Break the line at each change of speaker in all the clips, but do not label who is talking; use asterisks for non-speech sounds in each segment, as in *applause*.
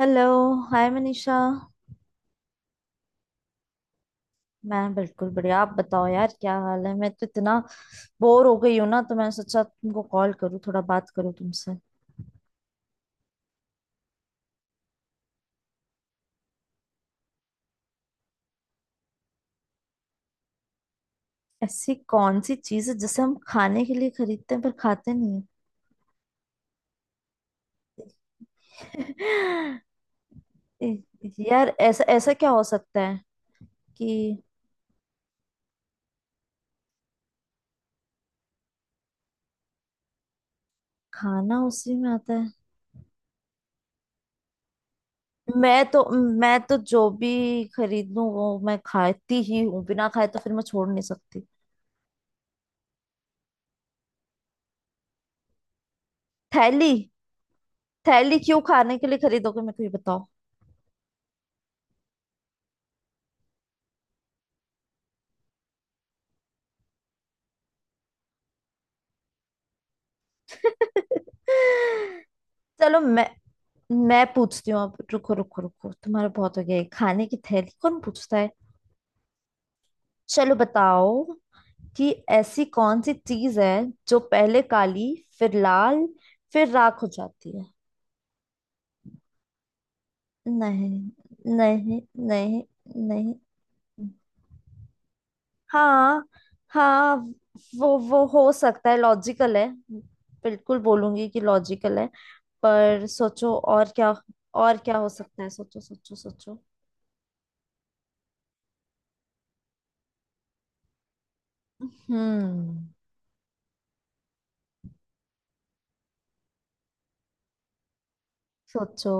Hello. Hi Manisha. मैं बिल्कुल बढ़िया। आप बताओ यार क्या हाल है। मैं तो इतना बोर हो गई हूँ ना तो मैंने सोचा तुमको कॉल करूँ, थोड़ा बात करूँ तुमसे। ऐसी कौन सी चीज़ है जिसे हम खाने के लिए खरीदते हैं पर खाते नहीं हैं? *laughs* ए- यार ऐसा ऐसा क्या हो सकता है कि खाना उसी में आता है। मैं तो मैं तो जो भी खरीद लूं वो मैं खाती ही हूँ, बिना खाए तो फिर मैं छोड़ नहीं सकती। थैली। थैली क्यों खाने के लिए खरीदोगे, मेरे को ये बताओ। चलो मैं पूछती हूँ अब। रुको रुको रुको, तुम्हारा बहुत हो गया, ये खाने की थैली कौन पूछता है। चलो बताओ कि ऐसी कौन सी चीज है जो पहले काली, फिर लाल, फिर राख हो जाती है। नहीं। नहीं। नहीं। नहीं। हाँ। हाँ। वो हो सकता है, लॉजिकल है। बिल्कुल बोलूंगी कि लॉजिकल है। पर सोचो और क्या। और क्या हो सकता है, सोचो सोचो सोचो। हम्म। सोचो।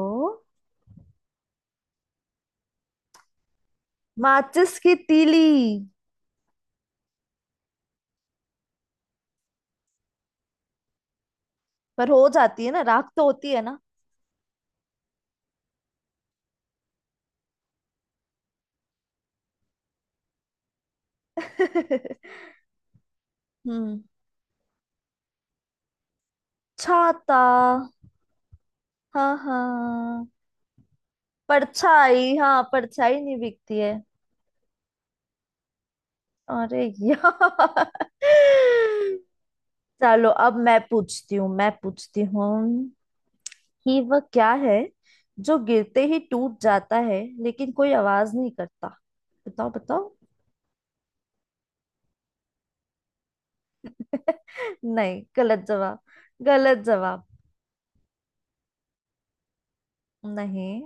माचिस की तीली। पर हो जाती है ना राख, तो होती है ना। *laughs* हम्म। छाता। हाँ हाँ, परछाई। हाँ परछाई नहीं बिकती है। अरे यार। चलो अब मैं पूछती हूँ, मैं पूछती हूँ कि वह क्या है जो गिरते ही टूट जाता है लेकिन कोई आवाज नहीं करता। बताओ बताओ। *laughs* नहीं, गलत जवाब। गलत जवाब। नहीं,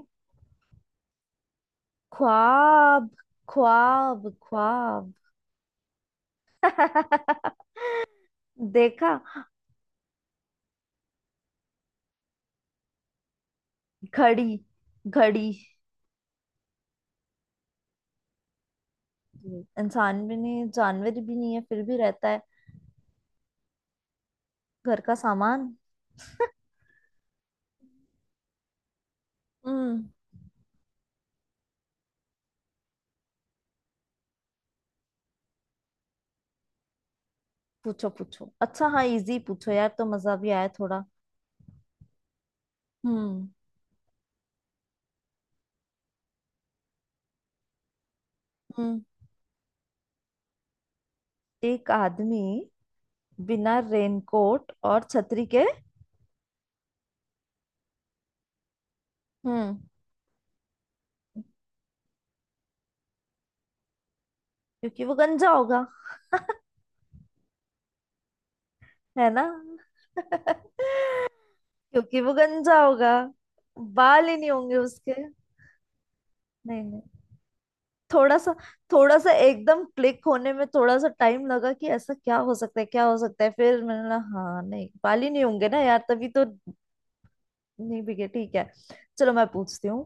ख्वाब। ख्वाब ख्वाब। *laughs* देखा। घड़ी। घड़ी। इंसान भी नहीं है जानवर भी नहीं है फिर भी रहता है। घर का सामान। हम्म। पूछो पूछो। अच्छा हाँ, इजी पूछो यार, तो मजा भी आया थोड़ा। हम्म। हम्म। एक आदमी बिना रेनकोट और छतरी के। हम्म। क्योंकि वो गंजा होगा। है ना? *laughs* क्योंकि वो गंजा होगा, बाल ही नहीं होंगे उसके। नहीं नहीं, थोड़ा सा, थोड़ा सा एकदम क्लिक होने में थोड़ा सा टाइम लगा कि ऐसा क्या हो सकता है, क्या हो सकता है, फिर मैंने बोला हाँ, नहीं बाल ही नहीं होंगे ना यार, तभी तो नहीं बिके। ठीक है। चलो मैं पूछती हूँ,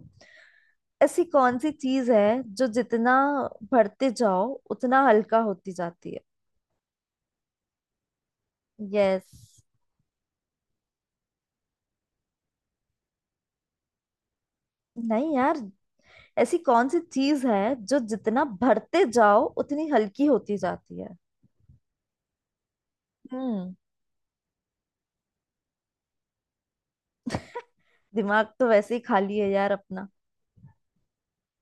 ऐसी कौन सी चीज है जो जितना भरते जाओ उतना हल्का होती जाती है। यस। नहीं यार, ऐसी कौन सी चीज है जो जितना भरते जाओ उतनी हल्की होती जाती है। हम्म। दिमाग तो वैसे ही खाली है यार अपना।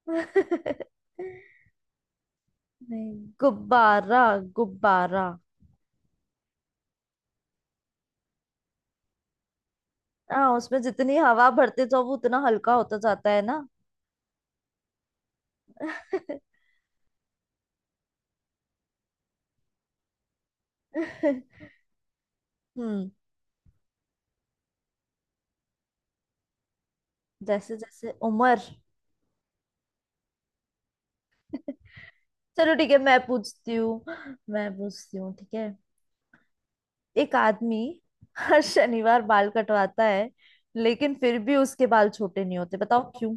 *laughs* नहीं। गुब्बारा। गुब्बारा। हाँ, उसमें जितनी हवा भरते जाओ वो उतना हल्का होता जाता है ना। *laughs* हम्म। जैसे जैसे उम्र। *laughs* चलो ठीक है, मैं पूछती हूँ। मैं पूछती हूँ ठीक है। एक आदमी हर शनिवार बाल कटवाता है, लेकिन फिर भी उसके बाल छोटे नहीं होते। बताओ क्यों।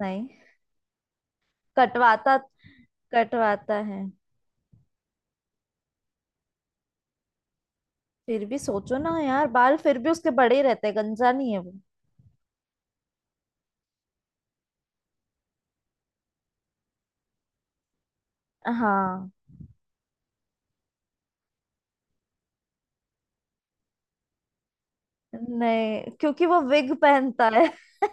नहीं। कटवाता कटवाता है। फिर भी सोचो ना यार, बाल फिर भी उसके बड़े ही रहते हैं, गंजा नहीं है वो। हाँ। नहीं, क्योंकि वो विग पहनता है। *laughs*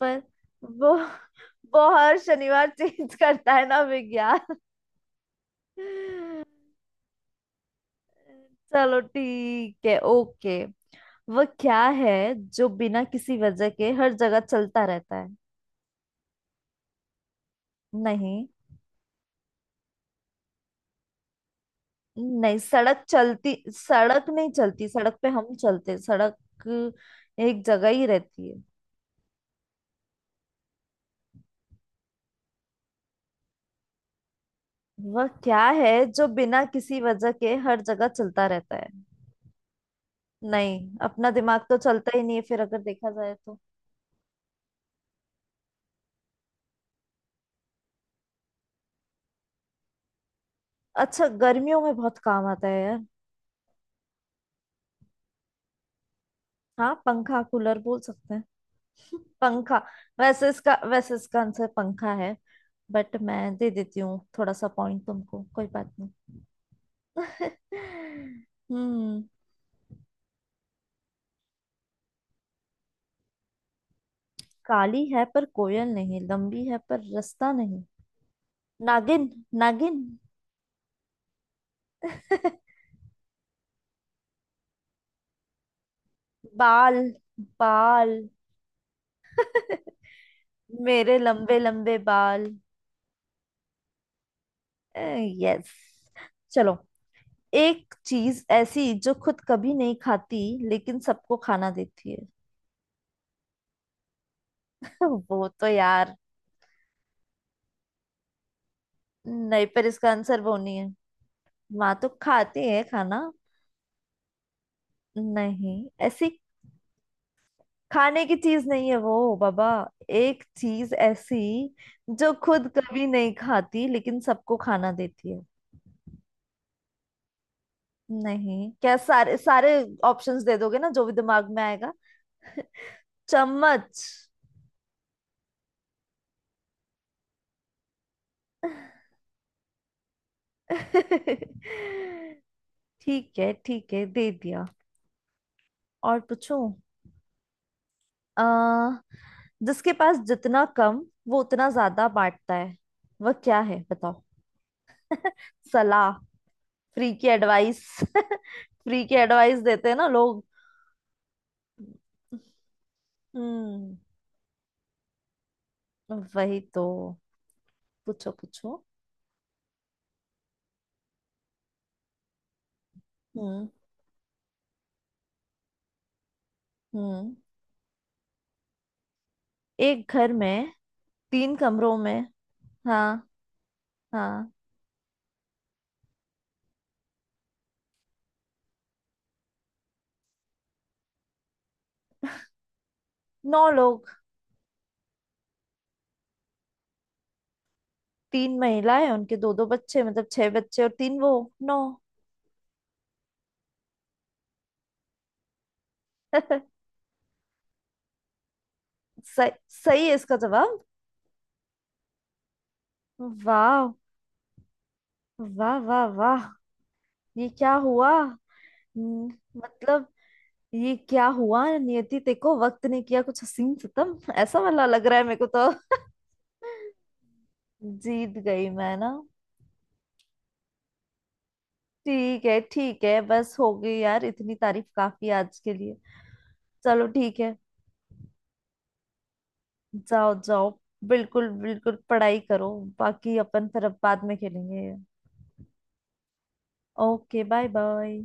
पर वो वो हर शनिवार चेंज करता है ना विग यार। चलो ठीक है। ओके। वह क्या है जो बिना किसी वजह के हर जगह चलता रहता है। नहीं। नहीं सड़क चलती, सड़क नहीं चलती, सड़क पे हम चलते हैं, सड़क एक जगह ही रहती है। वह क्या है जो बिना किसी वजह के हर जगह चलता रहता है। नहीं, अपना दिमाग तो चलता ही नहीं है फिर अगर देखा जाए तो। अच्छा, गर्मियों में बहुत काम आता है यार। हाँ, पंखा। कूलर बोल सकते हैं। *laughs* पंखा। वैसे इसका आंसर पंखा है। बट मैं दे देती हूँ थोड़ा सा पॉइंट तुमको, कोई बात नहीं। *laughs* हम्म। काली है पर कोयल नहीं, लंबी है पर रास्ता नहीं। नागिन। नागिन। *laughs* बाल। बाल। *laughs* मेरे लंबे लंबे बाल। यस। चलो। एक चीज ऐसी जो खुद कभी नहीं खाती लेकिन सबको खाना देती है। *laughs* वो तो यार। नहीं, पर इसका आंसर वो नहीं है। माँ तो खाती है खाना। नहीं, ऐसी खाने की चीज नहीं है वो बाबा। एक चीज ऐसी जो खुद कभी नहीं खाती लेकिन सबको खाना देती है। नहीं, क्या सारे सारे ऑप्शंस दे दोगे ना जो भी दिमाग में आएगा। *laughs* चम्मच। *laughs* *laughs* ठीक है ठीक है, दे दिया। और पूछूं। आ जिसके पास जितना कम वो उतना ज्यादा बांटता है, वह क्या है, बताओ। *laughs* सलाह। फ्री की एडवाइस। *laughs* फ्री की एडवाइस देते हैं ना लोग। हम्म। वही तो। पूछो पूछो। हम्म। हम्म। एक घर में तीन कमरों में। हाँ। हाँ। नौ लोग। तीन महिलाएं, उनके दो दो बच्चे मतलब छह बच्चे, और तीन वो, नौ। *laughs* सही। सही है इसका जवाब। वाह। वाह वाह वाह, ये क्या हुआ। मतलब ये क्या हुआ। नियति ते को वक्त ने किया कुछ हसीन सितम, ऐसा वाला लग रहा है मेरे को तो। जीत गई मैं ना। ठीक है ठीक है, बस हो गई यार, इतनी तारीफ काफी है आज के लिए। चलो ठीक है। जाओ जाओ, बिल्कुल बिल्कुल पढ़ाई करो। बाकी अपन फिर अब बाद में खेलेंगे। ओके। Bye bye.